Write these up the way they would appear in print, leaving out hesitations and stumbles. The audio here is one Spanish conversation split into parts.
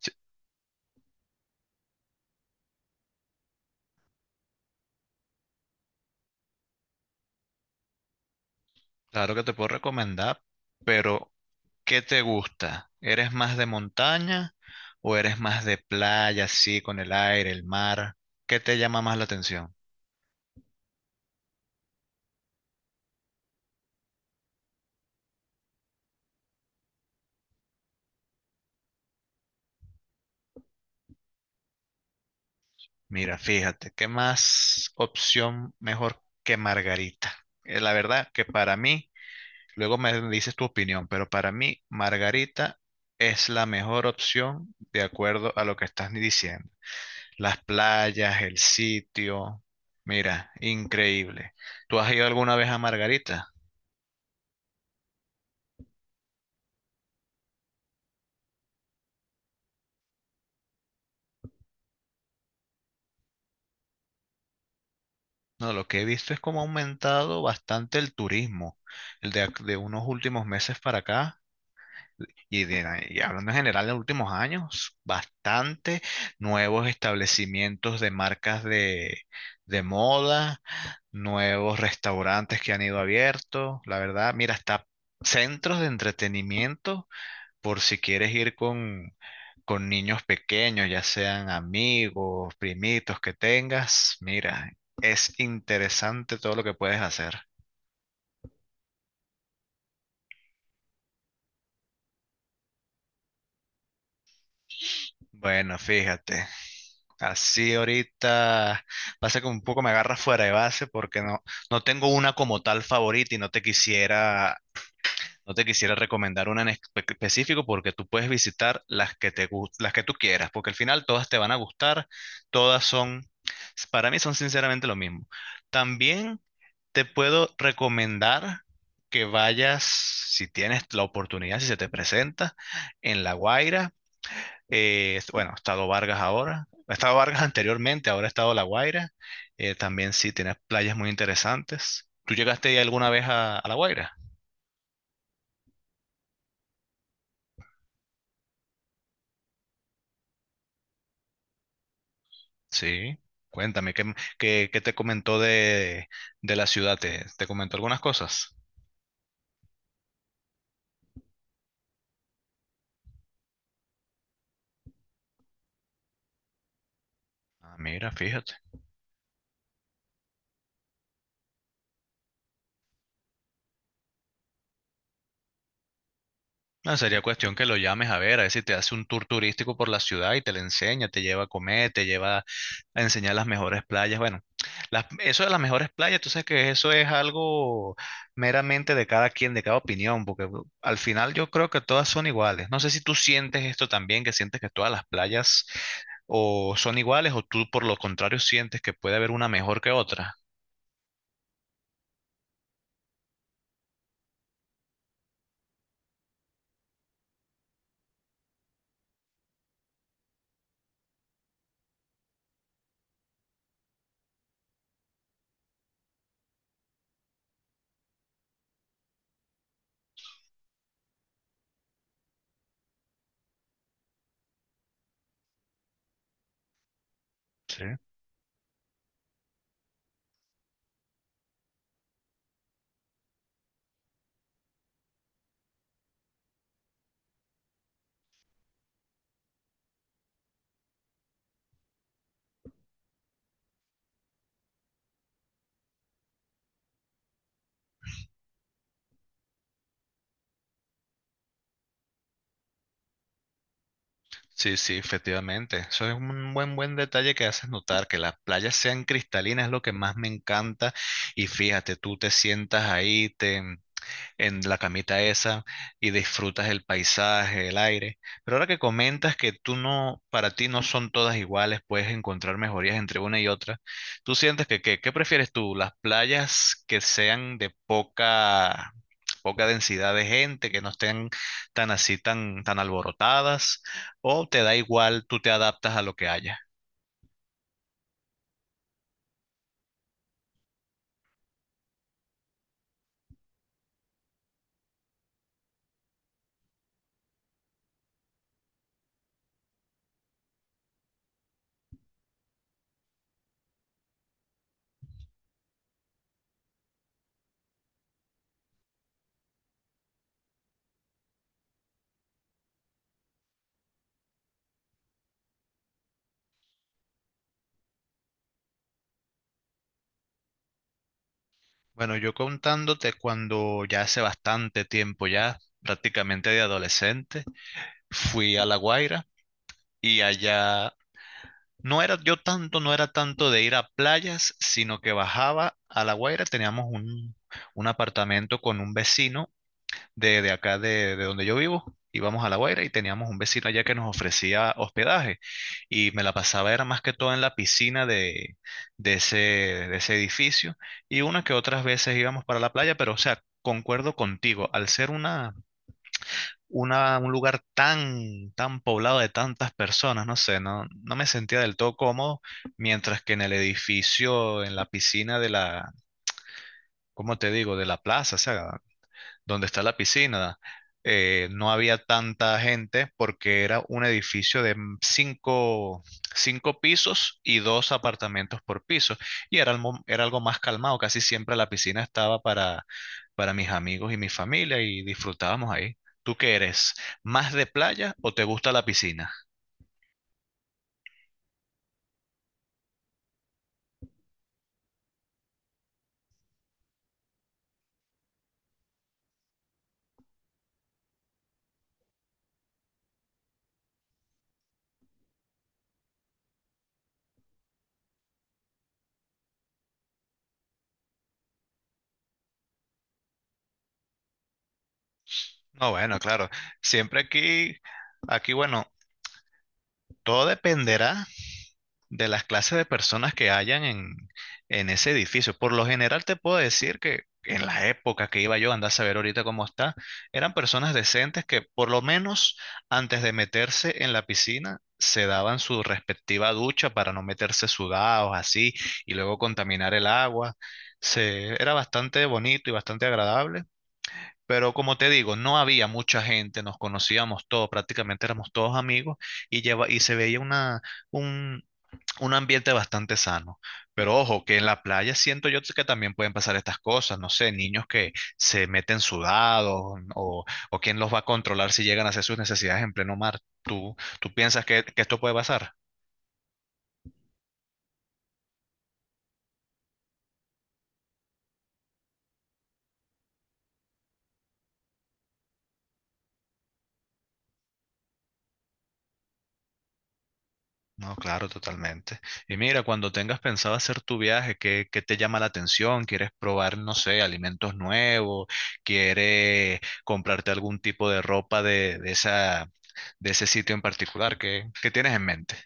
Sí, claro que te puedo recomendar, pero ¿qué te gusta? ¿Eres más de montaña o eres más de playa, así, con el aire, el mar? ¿Qué te llama más la atención? Mira, fíjate, ¿qué más opción mejor que Margarita? La verdad que para mí, luego me dices tu opinión, pero para mí Margarita es la mejor opción de acuerdo a lo que estás diciendo. Las playas, el sitio. Mira, increíble. ¿Tú has ido alguna vez a Margarita? No, lo que he visto es como ha aumentado bastante el turismo, de unos últimos meses para acá. Y hablando en general de los últimos años, bastante nuevos establecimientos de marcas de, moda, nuevos restaurantes que han ido abiertos. La verdad, mira, hasta centros de entretenimiento por si quieres ir con niños pequeños, ya sean amigos, primitos que tengas, mira, es interesante todo lo que puedes hacer. Bueno, fíjate, así ahorita pasa que un poco me agarras fuera de base porque no tengo una como tal favorita y no te quisiera recomendar una en específico porque tú puedes visitar las que tú quieras, porque al final todas te van a gustar, todas son, para mí son sinceramente lo mismo. También te puedo recomendar que vayas, si tienes la oportunidad, si se te presenta, en La Guaira. Bueno, ha estado Vargas ahora, ha estado Vargas anteriormente, ahora ha estado La Guaira. También sí, tienes playas muy interesantes. ¿Tú llegaste alguna vez a, La Guaira? Sí, cuéntame, ¿qué, qué te comentó de la ciudad? ¿Te comentó algunas cosas? Ah, mira, fíjate. No, sería cuestión que lo llames a ver si te hace un tour turístico por la ciudad y te le enseña, te lleva a comer, te lleva a enseñar las mejores playas. Bueno, eso de las mejores playas, tú sabes que eso es algo meramente de cada quien, de cada opinión, porque al final yo creo que todas son iguales. No sé si tú sientes esto también, que sientes que todas las playas o son iguales o tú por lo contrario sientes que puede haber una mejor que otra. Sí. Sí, sí, efectivamente. Eso es un buen detalle que haces notar, que las playas sean cristalinas es lo que más me encanta. Y fíjate, tú te sientas ahí en la camita esa y disfrutas el paisaje, el aire. Pero ahora que comentas que tú no, para ti no son todas iguales, puedes encontrar mejorías entre una y otra. ¿Tú sientes que, qué prefieres tú? ¿Las playas que sean de poca densidad de gente, que no estén tan así, tan alborotadas, o te da igual, tú te adaptas a lo que haya. Bueno, yo contándote cuando ya hace bastante tiempo ya, prácticamente de adolescente, fui a La Guaira y allá no era tanto de ir a playas, sino que bajaba a La Guaira, teníamos un, apartamento con un vecino de, acá de donde yo vivo. Íbamos a La Guaira y teníamos un vecino allá que nos ofrecía hospedaje y me la pasaba era más que todo en la piscina de, de ese edificio y una que otras veces íbamos para la playa, pero o sea, concuerdo contigo, al ser una, un lugar tan poblado de tantas personas, no sé, no me sentía del todo cómodo, mientras que en el edificio, en la piscina de la, ¿cómo te digo?, de la plaza, o sea, donde está la piscina, no había tanta gente porque era un edificio de cinco, pisos y dos apartamentos por piso. Y era, era algo más calmado. Casi siempre la piscina estaba para mis amigos y mi familia y disfrutábamos ahí. ¿Tú qué eres? ¿Más de playa o te gusta la piscina? No, bueno, claro. Siempre aquí, bueno, todo dependerá de las clases de personas que hayan en ese edificio. Por lo general te puedo decir que en la época que iba yo, andar a saber ahorita cómo está, eran personas decentes que por lo menos antes de meterse en la piscina se daban su respectiva ducha para no meterse sudados así y luego contaminar el agua. Era bastante bonito y bastante agradable. Pero como te digo, no había mucha gente, nos conocíamos todos, prácticamente éramos todos amigos y se veía una, un, un ambiente bastante sano. Pero ojo, que en la playa siento yo que también pueden pasar estas cosas, no sé, niños que se meten sudados o, o, quién los va a controlar si llegan a hacer sus necesidades en pleno mar. ¿Tú piensas que, esto puede pasar? No, claro, totalmente. Y mira, cuando tengas pensado hacer tu viaje, ¿qué te llama la atención? ¿Quieres probar, no sé, alimentos nuevos? ¿Quieres comprarte algún tipo de ropa de, de ese sitio en particular? ¿Qué tienes en mente?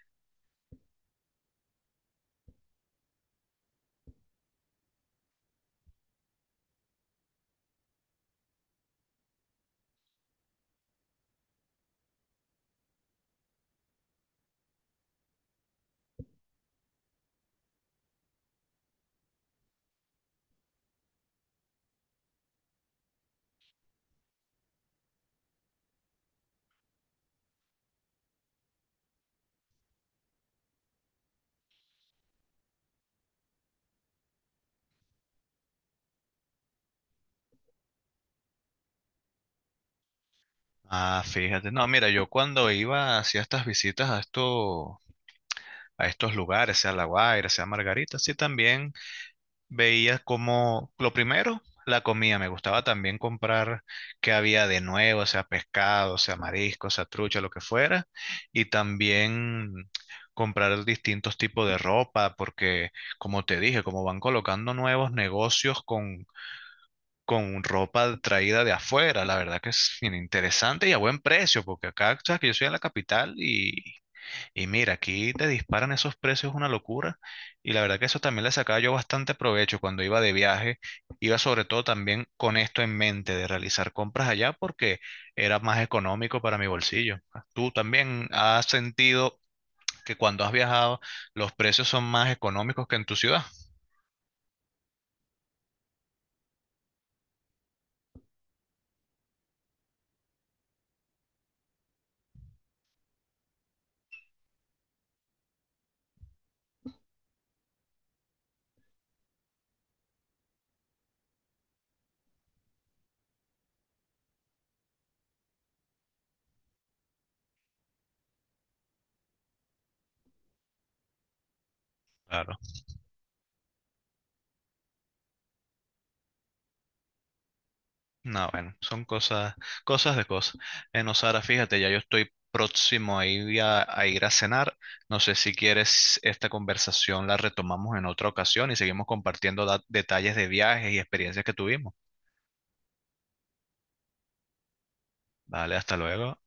Ah, fíjate. No, mira, yo cuando iba hacía estas visitas a estos lugares, sea La Guaira, sea Margarita, sí también veía como, lo primero, la comida. Me gustaba también comprar qué había de nuevo, sea pescado, sea marisco, sea trucha, lo que fuera. Y también comprar distintos tipos de ropa, porque como te dije, como van colocando nuevos negocios con ropa traída de afuera. La verdad que es bien interesante y a buen precio, porque acá, sabes que yo soy en la capital y mira, aquí te disparan esos precios, es una locura. Y la verdad que eso también le sacaba yo bastante provecho cuando iba de viaje. Iba sobre todo también con esto en mente de realizar compras allá porque era más económico para mi bolsillo. ¿Tú también has sentido que cuando has viajado los precios son más económicos que en tu ciudad? Claro. No, bueno, son cosas, cosas de cosas. Bueno, Sara, fíjate, ya yo estoy próximo a ir a ir a cenar. No sé si quieres esta conversación la retomamos en otra ocasión y seguimos compartiendo detalles de viajes y experiencias que tuvimos. Vale, hasta luego.